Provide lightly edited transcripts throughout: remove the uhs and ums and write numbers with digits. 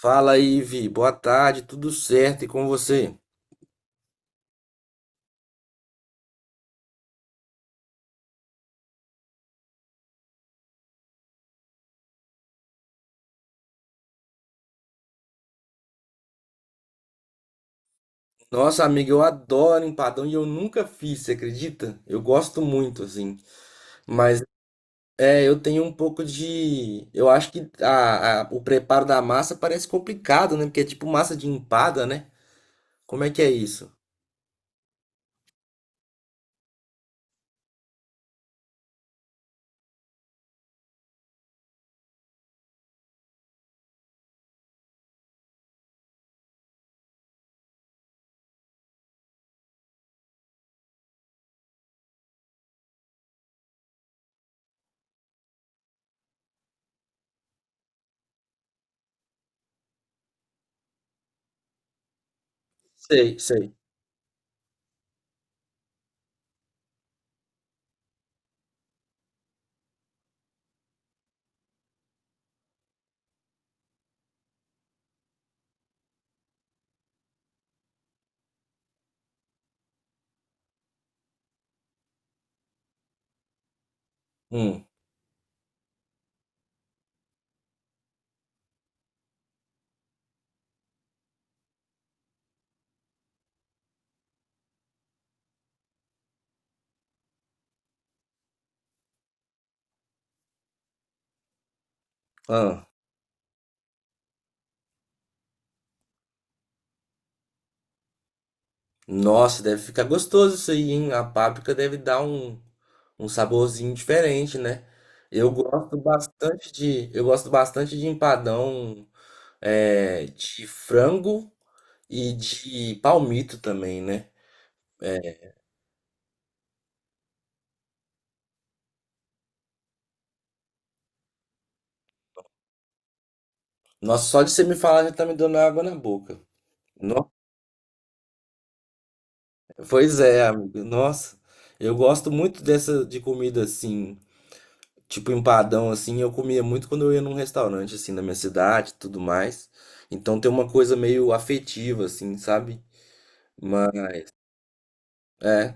Fala aí, Ivi. Boa tarde, tudo certo e com você? Nossa, amiga, eu adoro empadão e eu nunca fiz, você acredita? Eu gosto muito, assim. Mas é, eu tenho um pouco de. Eu acho que o preparo da massa parece complicado, né? Porque é tipo massa de empada, né? Como é que é isso? Sei, sei. Hum. Ah. Nossa, deve ficar gostoso isso aí, hein? A páprica deve dar um, um saborzinho diferente, né? Eu gosto bastante de empadão é, de frango e de palmito também, né? Nossa, só de você me falar já tá me dando água na boca. No- Pois é, amigo. Nossa, eu gosto muito dessa de comida assim, tipo empadão assim. Eu comia muito quando eu ia num restaurante assim na minha cidade, e tudo mais. Então tem uma coisa meio afetiva assim, sabe? Mas é,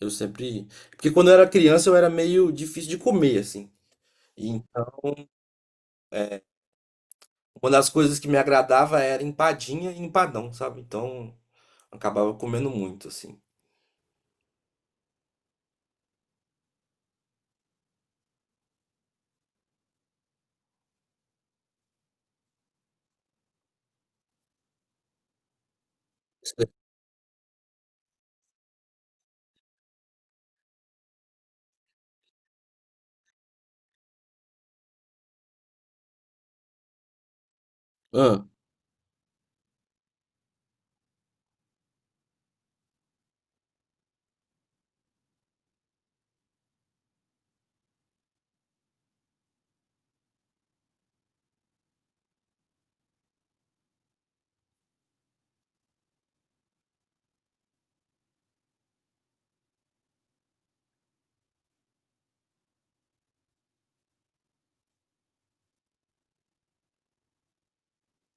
eu sempre, porque quando eu era criança eu era meio difícil de comer assim. Então é, uma das coisas que me agradava era empadinha e empadão, sabe? Então, acabava comendo muito, assim. Hum,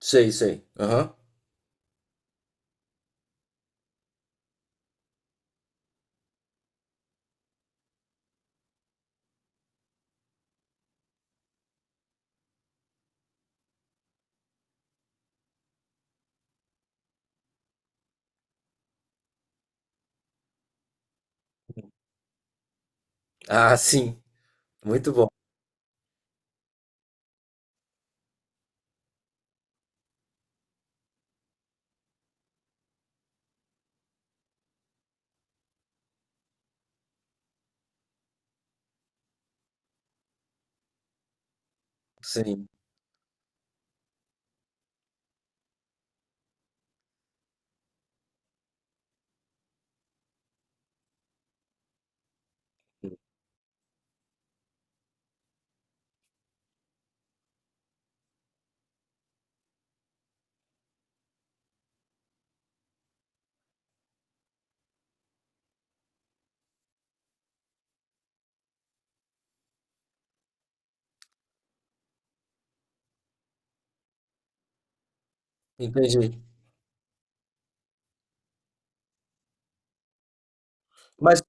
sei, sei. Aham. Ah, sim. Muito bom. Sim. Entendi. Mas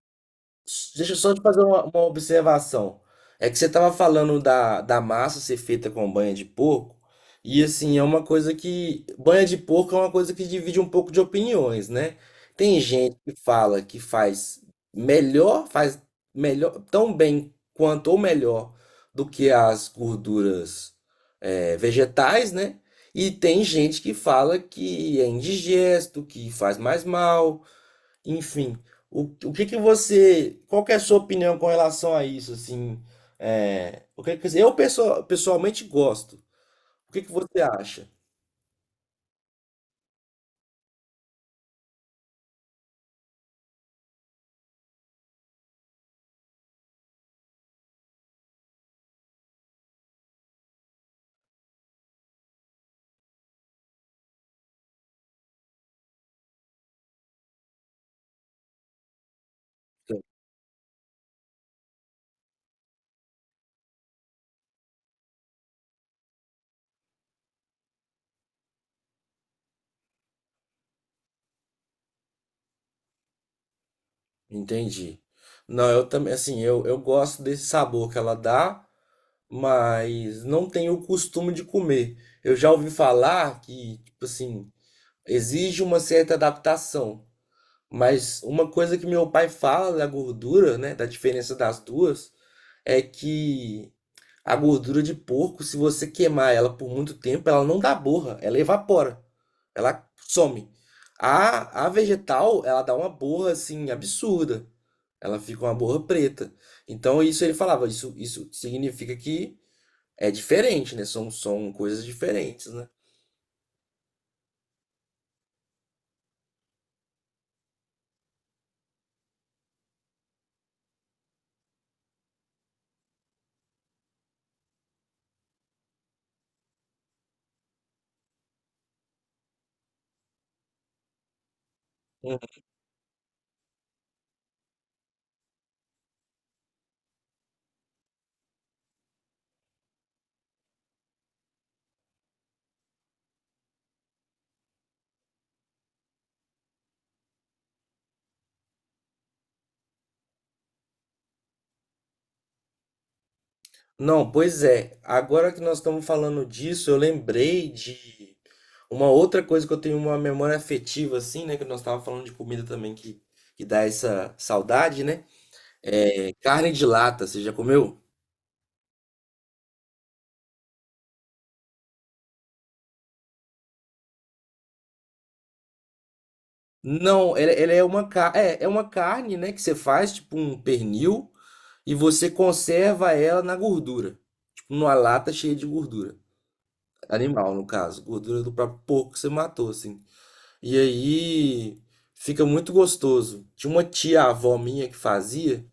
deixa eu só te fazer uma observação. É que você estava falando da massa ser feita com banha de porco, e assim, é uma coisa que. Banha de porco é uma coisa que divide um pouco de opiniões, né? Tem gente que fala que faz melhor, tão bem quanto ou melhor do que as gorduras vegetais, né? E tem gente que fala que é indigesto, que faz mais mal. Enfim, o que que você, qual que é a sua opinião com relação a isso, assim, é, o que que, eu pessoalmente gosto, o que que você acha? Entendi. Não, eu também, assim, eu gosto desse sabor que ela dá, mas não tenho o costume de comer. Eu já ouvi falar que, tipo assim, exige uma certa adaptação. Mas uma coisa que meu pai fala da gordura, né, da diferença das duas, é que a gordura de porco, se você queimar ela por muito tempo, ela não dá borra, ela evapora, ela some. A vegetal, ela dá uma borra assim absurda. Ela fica uma borra preta. Então isso ele falava, isso significa que é diferente, né? São coisas diferentes, né? Não, pois é. Agora que nós estamos falando disso, eu lembrei de uma outra coisa que eu tenho uma memória afetiva, assim, né? Que nós estávamos falando de comida também, que dá essa saudade, né? É carne de lata, você já comeu? Não, ela é uma, é uma carne, né? Que você faz, tipo um pernil, e você conserva ela na gordura. Tipo, numa lata cheia de gordura. Animal, no caso. Gordura do próprio porco que você matou, assim. E aí fica muito gostoso. Tinha uma tia avó minha que fazia.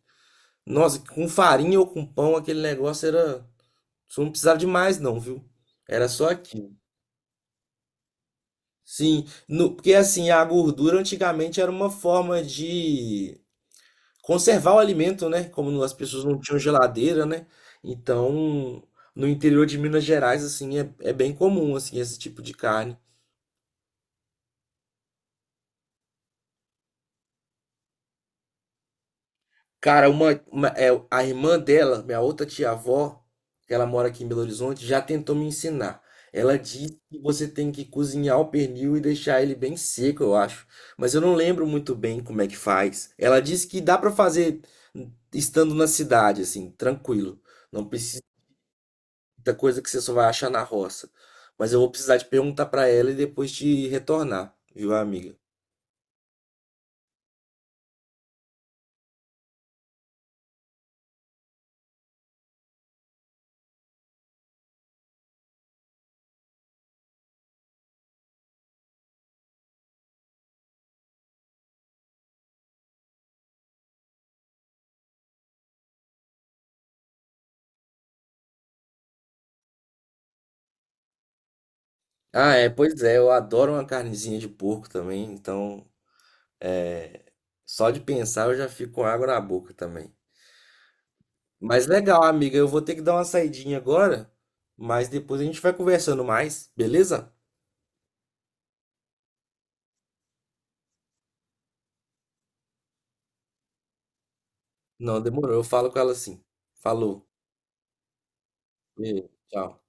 Nossa, com farinha ou com pão, aquele negócio era. Só não precisava de mais, não, viu? Era só aquilo. Sim, porque assim, a gordura antigamente era uma forma de conservar o alimento, né? Como as pessoas não tinham geladeira, né? Então, no interior de Minas Gerais, assim, é, é bem comum, assim, esse tipo de carne. Cara, é, a irmã dela, minha outra tia-avó, que ela mora aqui em Belo Horizonte, já tentou me ensinar. Ela disse que você tem que cozinhar o pernil e deixar ele bem seco, eu acho. Mas eu não lembro muito bem como é que faz. Ela disse que dá pra fazer estando na cidade, assim, tranquilo. Não precisa de muita coisa que você só vai achar na roça. Mas eu vou precisar de perguntar pra ela e depois te retornar, viu, amiga? Ah, é, pois é, eu adoro uma carnezinha de porco também, então só de pensar eu já fico com água na boca também. Mas legal, amiga, eu vou ter que dar uma saidinha agora, mas depois a gente vai conversando mais, beleza? Não, demorou. Eu falo com ela assim. Falou. Beijo, tchau.